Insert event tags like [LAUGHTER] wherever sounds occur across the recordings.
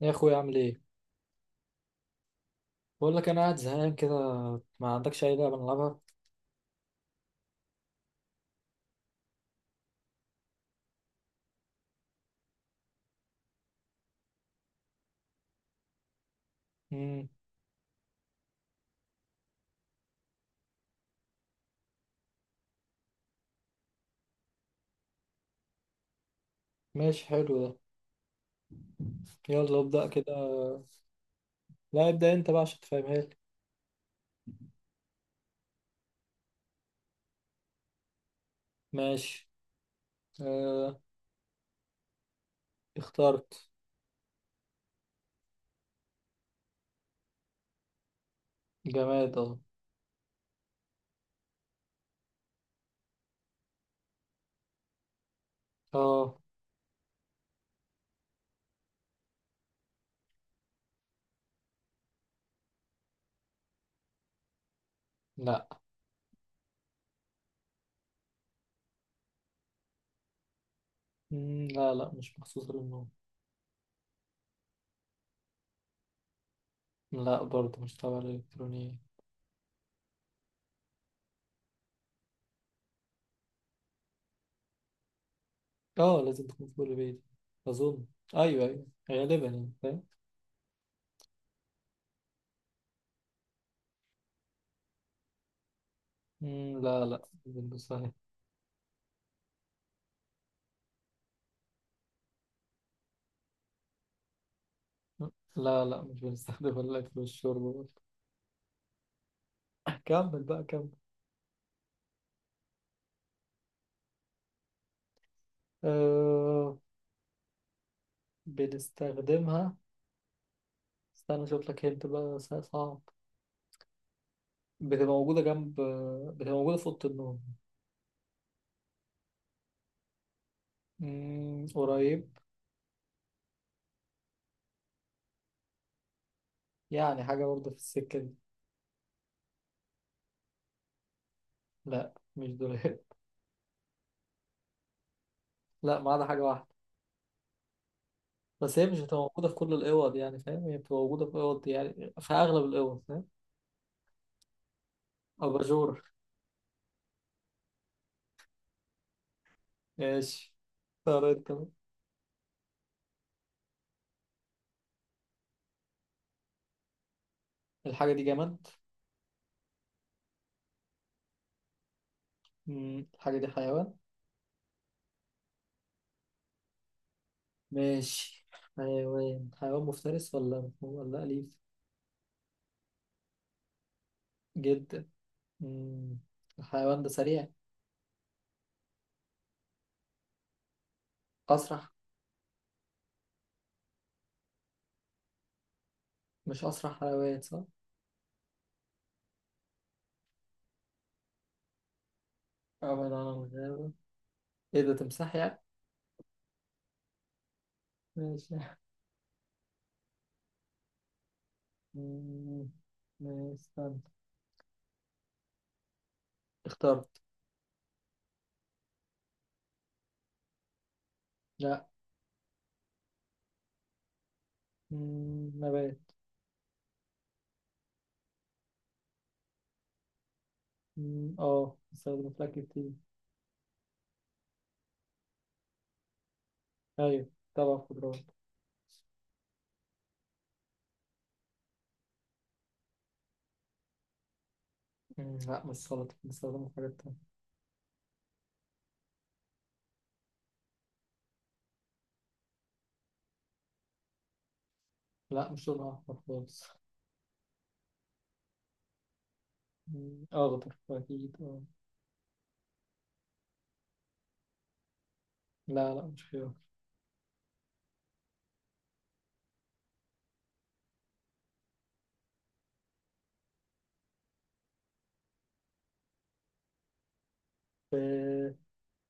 يا اخويا اعمل ايه؟ بقول لك انا قاعد زهقان كده. ما عندكش اي لعبه نلعبها؟ امم ماشي، حلو ده. يلا ابدا كده. لا، ابدا انت بقى عشان تفهمها لي. ماشي. آه. اخترت. جماد اه. اه. لا. لا لا مش مخصوص للنوم. لا برضه مش تبع الالكترونيه. اه، لازم تكون في كل بيت اظن. ايوه ايوه، غالبا يعني فاهم. لا لا مش بنلبسها. لا لا مش بنستخدمها الا في الشرب. [LAUGHS] كمل بقى كمل. أه، بنستخدمها. استنى اشوف لك، هنت بقى صعب. بتبقى موجودة جنب، بتبقى موجودة في أوضة النوم. مم، قريب. يعني حاجة برضه في السكة دي. لا، مش دولاب. [LAUGHS] لا، ما عدا حاجة واحدة. بس هي مش بتبقى موجودة في كل الأوض، يعني فاهم، هي بتبقى موجودة في أوض، يعني في أغلب الأوض، فاهم. أباجورة. ماشي. طب انت بقى. الحاجة دي جماد؟ مم، الحاجة دي حيوان. ماشي. حيوان، حيوان مفترس ولا أليف؟ جدا. مم. الحيوان ده سريع؟ أسرع. مش أسرع حيوان صح؟ أبعد عن الغابة. إيه ده، تمساح يعني؟ ماشي. مم. ماشي، استنى. اخترت. لا. مم. نبات. اه، بستخدمه في الأكل كتير. أيوة طبعا خضروات. لا مش سلطة، بستخدمه في حاجات تانية. لا مش لونها أحمر خالص. أخضر أكيد اه. لا لا مش خيار. ب-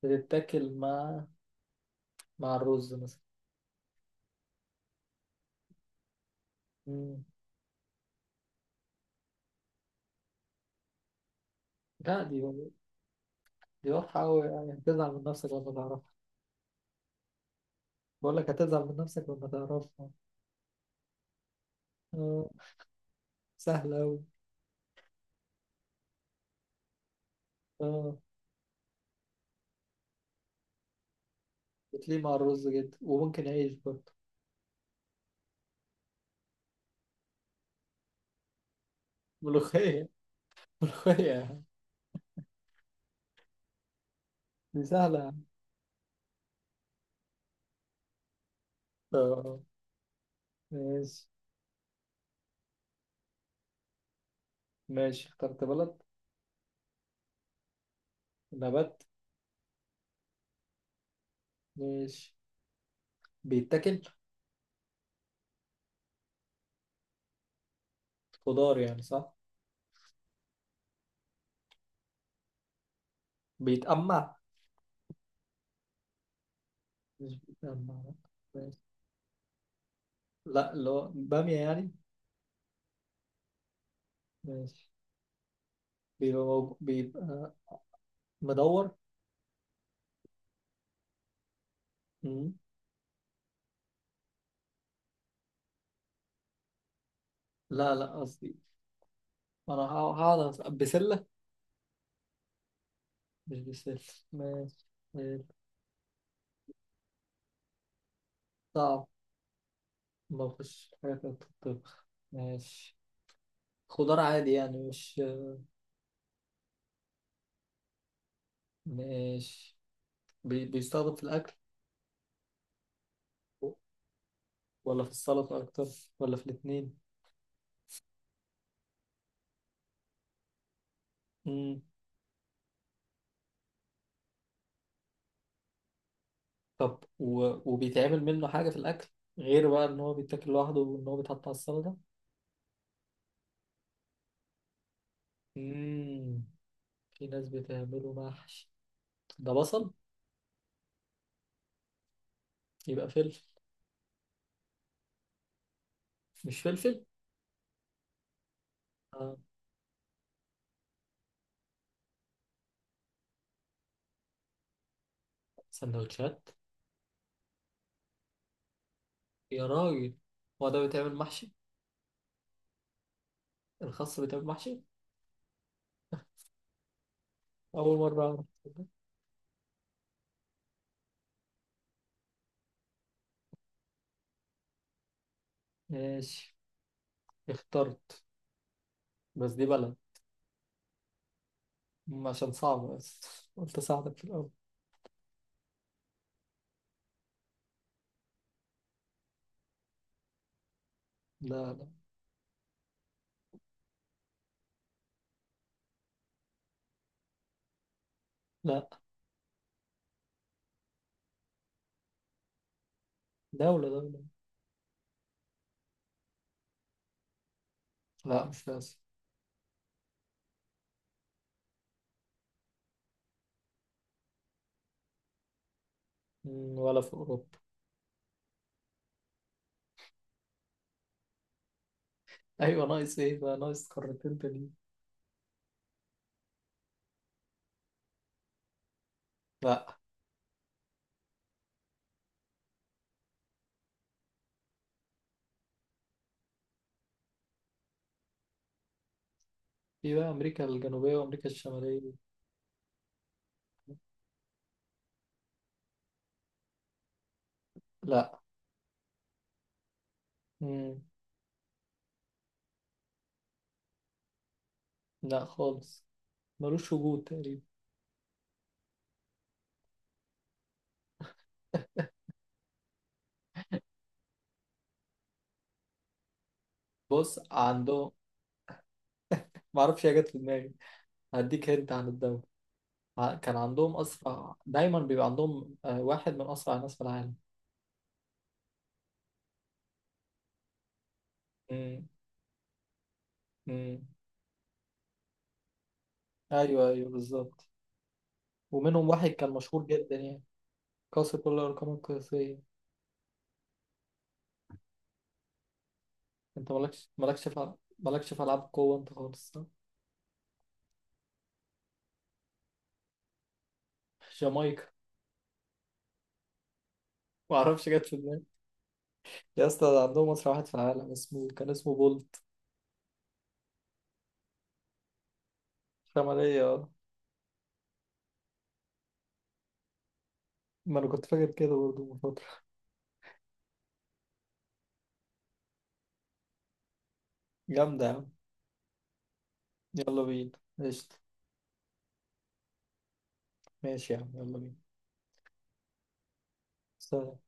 بتتاكل مع الرز مثلا. مم. لا، دي واضحة أوي، يعني هتزعل من نفسك لما تعرفها. بقول لك هتزعل من نفسك لما تعرفها. آه. سهلة أوي. آه، بتليق مع الرز جدا وممكن عيش برضه. ملوخية. [LAUGHS] ملوخية يعني. دي سهلة يعني. آه. ماشي. ماشي، اخترت بلد. نبات. ماشي. بيتاكل. خضار يعني صح؟ بيتأمع. مش بيتأمع لا. ماشي. لا، اللي هو بامية يعني. ماشي. بيبقى بيبقى مدور. مم. لا لا، قصدي، أنا هقعد أسأل. بسلة. مش بسلك. ماشي. آه، صعب. ما فيش حاجة في الطب. ماشي. خضار عادي يعني، مش. ماشي. بيستخدم في الأكل، ولا في السلطة أكتر، ولا في الاتنين. مم. طب و... وبيتعمل منه حاجة في الأكل، غير بقى إن هو بيتاكل لوحده وإن هو بيتحط على السلطة. مم. في ناس بتعمله محشي. ده بصل؟ يبقى فلفل. مش فلفل. آه. سندوتشات. يا راجل. هو ده بيتعمل محشي؟ الخس بيتعمل محشي. أول مرة أعرف، تصدق؟ ماشي. اخترت. بس دي بلد، عشان صعبة بس قلت أساعدك في الأول. لا. لا. لا. دولة دولة. لا مش في آسيا. م، ولا في أوروبا. [LAUGHS] أيوة، ناقص إيه بقى؟ ناقص قارتين تانيين. لا. في بقى أمريكا الجنوبية وأمريكا الشمالية. لا. م. لا خالص، ملوش وجود تقريبا. بص، عندهم، معرفش هي جت في دماغي. هديك هنت عن الدولة. كان عندهم أسرع، دايما بيبقى عندهم آه، واحد من أسرع الناس في العالم. م. م. ايوه ايوه بالظبط. ومنهم واحد كان مشهور جدا يعني، قاسي كل الارقام القياسيه. انت مالكش في العاب قوه انت خالص صح؟ جامايكا. ما اعرفش جت في دماغي. يا اسطى ده عندهم مصري واحد في العالم اسمه، كان اسمه بولت. شمالية اه. ما انا كنت فاكر كده برضه من فتره. جامده يا عم. يلا بينا. قشطه. ماشي يا عم، يلا بينا. سلام.